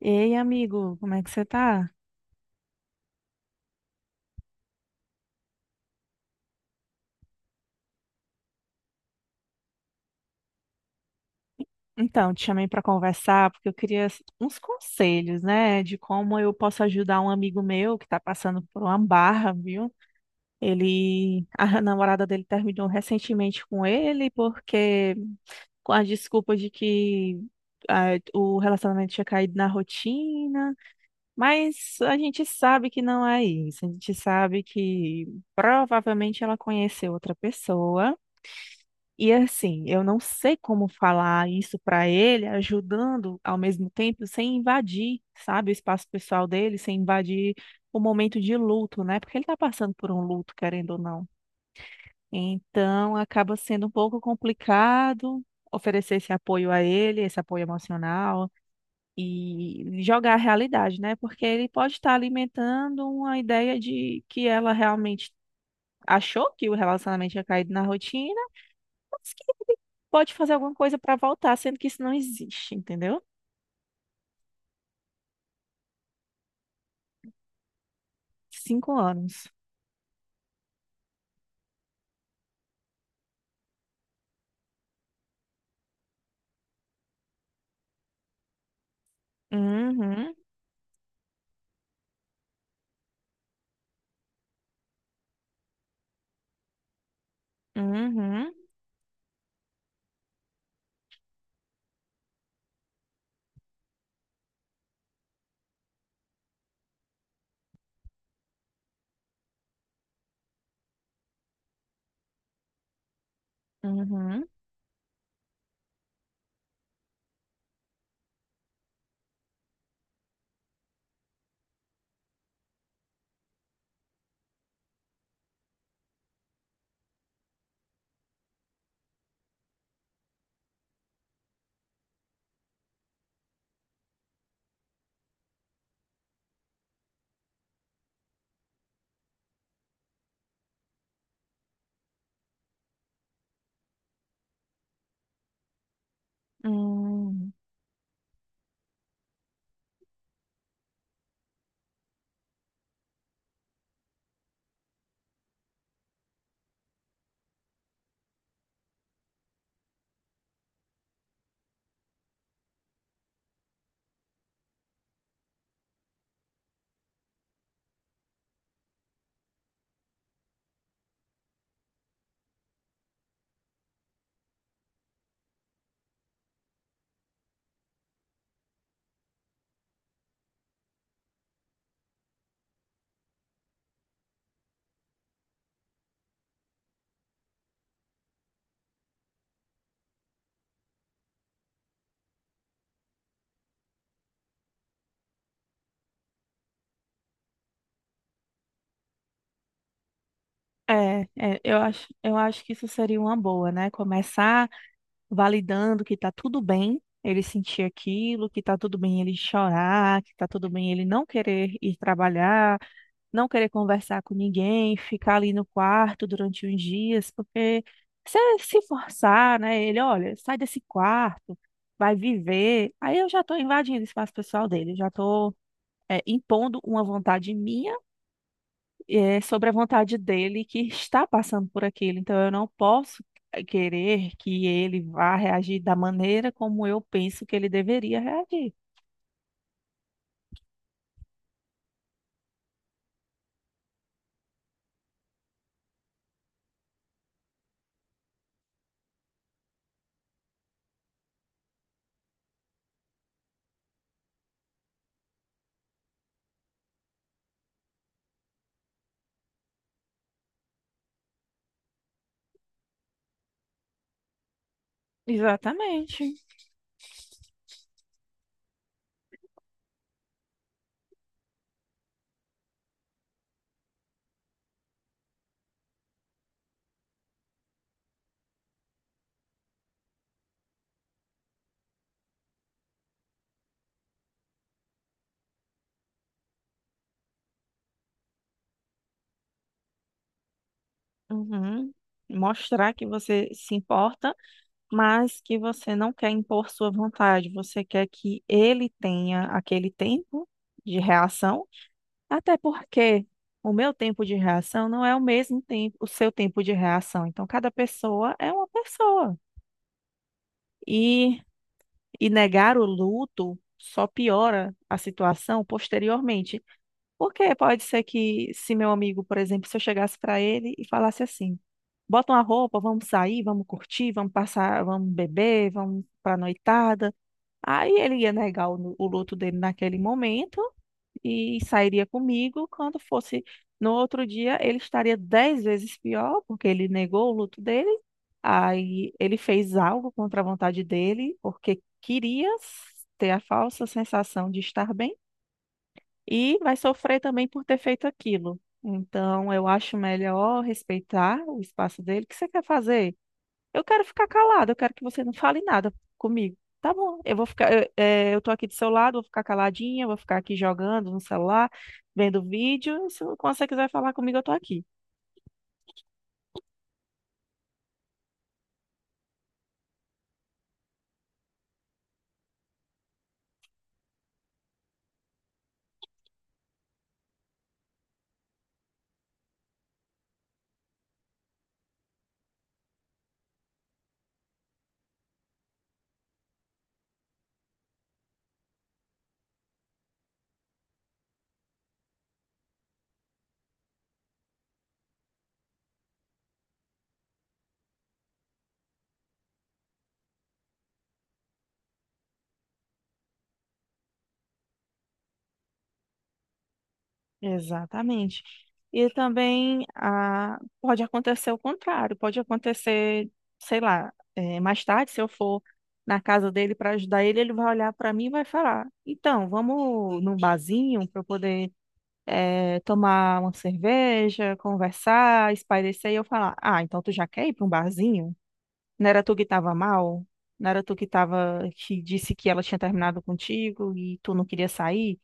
Ei, amigo, como é que você tá? Então, te chamei para conversar porque eu queria uns conselhos, né, de como eu posso ajudar um amigo meu que tá passando por uma barra, viu? A namorada dele terminou recentemente com ele porque com a desculpa de que o relacionamento tinha caído na rotina, mas a gente sabe que não é isso. A gente sabe que provavelmente ela conheceu outra pessoa. E assim, eu não sei como falar isso para ele, ajudando ao mesmo tempo, sem invadir, sabe, o espaço pessoal dele, sem invadir o momento de luto, né? Porque ele está passando por um luto, querendo ou não. Então, acaba sendo um pouco complicado oferecer esse apoio a ele, esse apoio emocional e jogar a realidade, né? Porque ele pode estar alimentando uma ideia de que ela realmente achou que o relacionamento tinha caído na rotina, pode fazer alguma coisa para voltar, sendo que isso não existe, entendeu? 5 anos. Uhum, uhum, uhum, uhum. É, eu acho que isso seria uma boa, né? Começar validando que tá tudo bem ele sentir aquilo, que tá tudo bem ele chorar, que tá tudo bem ele não querer ir trabalhar, não querer conversar com ninguém, ficar ali no quarto durante uns dias, porque se forçar, né? Ele, olha, sai desse quarto, vai viver. Aí eu já estou invadindo o espaço pessoal dele, já estou impondo uma vontade minha sobre a vontade dele que está passando por aquilo. Então eu não posso querer que ele vá reagir da maneira como eu penso que ele deveria reagir. Exatamente. Uhum. Mostrar que você se importa, mas que você não quer impor sua vontade, você quer que ele tenha aquele tempo de reação, até porque o meu tempo de reação não é o mesmo tempo, o seu tempo de reação. Então, cada pessoa é uma pessoa. E, e negar o luto só piora a situação posteriormente. Porque pode ser que, se meu amigo, por exemplo, se eu chegasse para ele e falasse assim: bota uma roupa, vamos sair, vamos curtir, vamos passar, vamos beber, vamos para noitada. Aí ele ia negar o luto dele naquele momento e sairia comigo. Quando fosse no outro dia, ele estaria 10 vezes pior, porque ele negou o luto dele. Aí ele fez algo contra a vontade dele, porque queria ter a falsa sensação de estar bem e vai sofrer também por ter feito aquilo. Então, eu acho melhor respeitar o espaço dele. O que você quer fazer? Eu quero ficar calada, eu quero que você não fale nada comigo. Tá bom, eu vou eu tô aqui do seu lado, vou ficar caladinha, vou ficar aqui jogando no celular, vendo vídeo. Se você quiser falar comigo, eu tô aqui. Exatamente. E também pode acontecer o contrário, pode acontecer, sei lá, mais tarde, se eu for na casa dele para ajudar ele, ele vai olhar para mim e vai falar: Então, vamos num barzinho para eu poder tomar uma cerveja, conversar, espairecer. E eu falar: Ah, então tu já quer ir para um barzinho? Não era tu que tava mal? Não era tu que tava, que disse que ela tinha terminado contigo e tu não queria sair?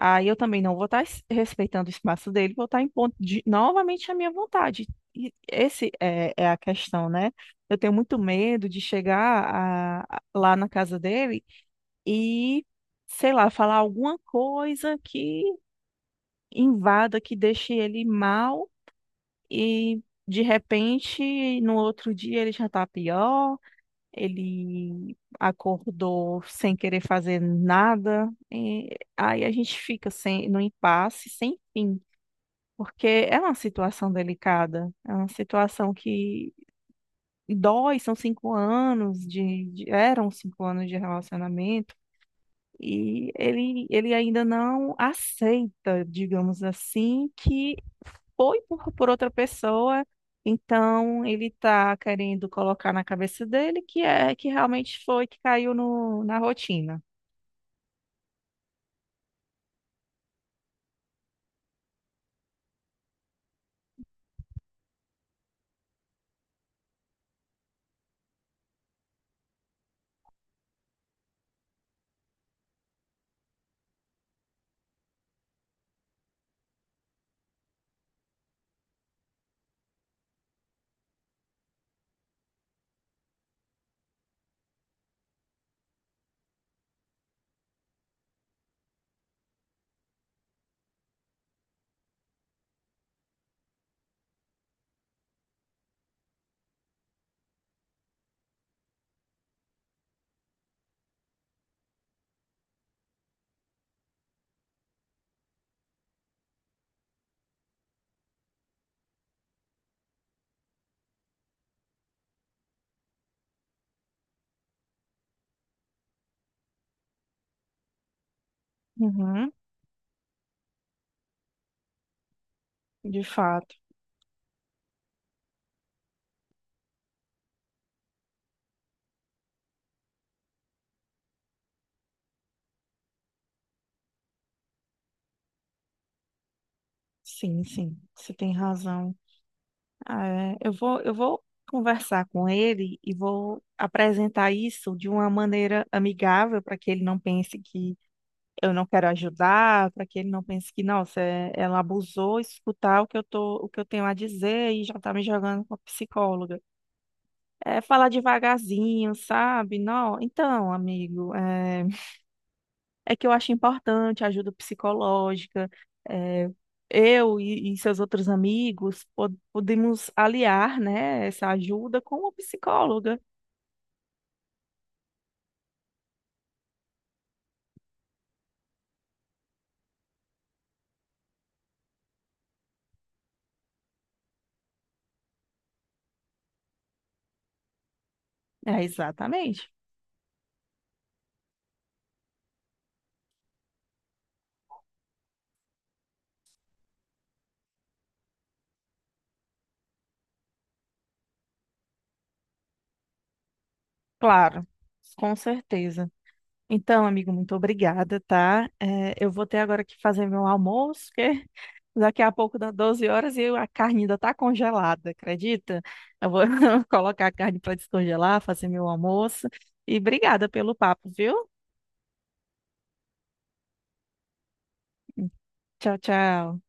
Aí eu também não vou estar respeitando o espaço dele, vou estar impondo novamente a minha vontade. E esse é, é a questão, né? Eu tenho muito medo de chegar lá na casa dele e, sei lá, falar alguma coisa que invada, que deixe ele mal, e de repente, no outro dia ele já tá pior, ele acordou sem querer fazer nada, e aí a gente fica sem, no impasse, sem fim, porque é uma situação delicada, é uma situação que dói, são 5 anos eram 5 anos de relacionamento, e ele ainda não aceita, digamos assim, que foi por outra pessoa. Então, ele está querendo colocar na cabeça dele que é que realmente foi que caiu no, na rotina. Uhum, de fato. Sim, sim, você tem razão. É, eu vou conversar com ele e vou apresentar isso de uma maneira amigável para que ele não pense que eu não quero ajudar, para que ele não pense que, nossa, ela abusou, escutar o que eu tô, o que eu tenho a dizer e já tá me jogando com a psicóloga. É falar devagarzinho, sabe? Não, então, amigo, é, é que eu acho importante a ajuda psicológica. É, e seus outros amigos podemos aliar, né, essa ajuda com uma psicóloga. É, exatamente. Claro, com certeza. Então, amigo, muito obrigada, tá? É, eu vou ter agora que fazer meu almoço, que daqui a pouco dá 12 horas e a carne ainda tá congelada, acredita? Eu vou colocar a carne para descongelar, fazer meu almoço. E obrigada pelo papo, viu? Tchau, tchau.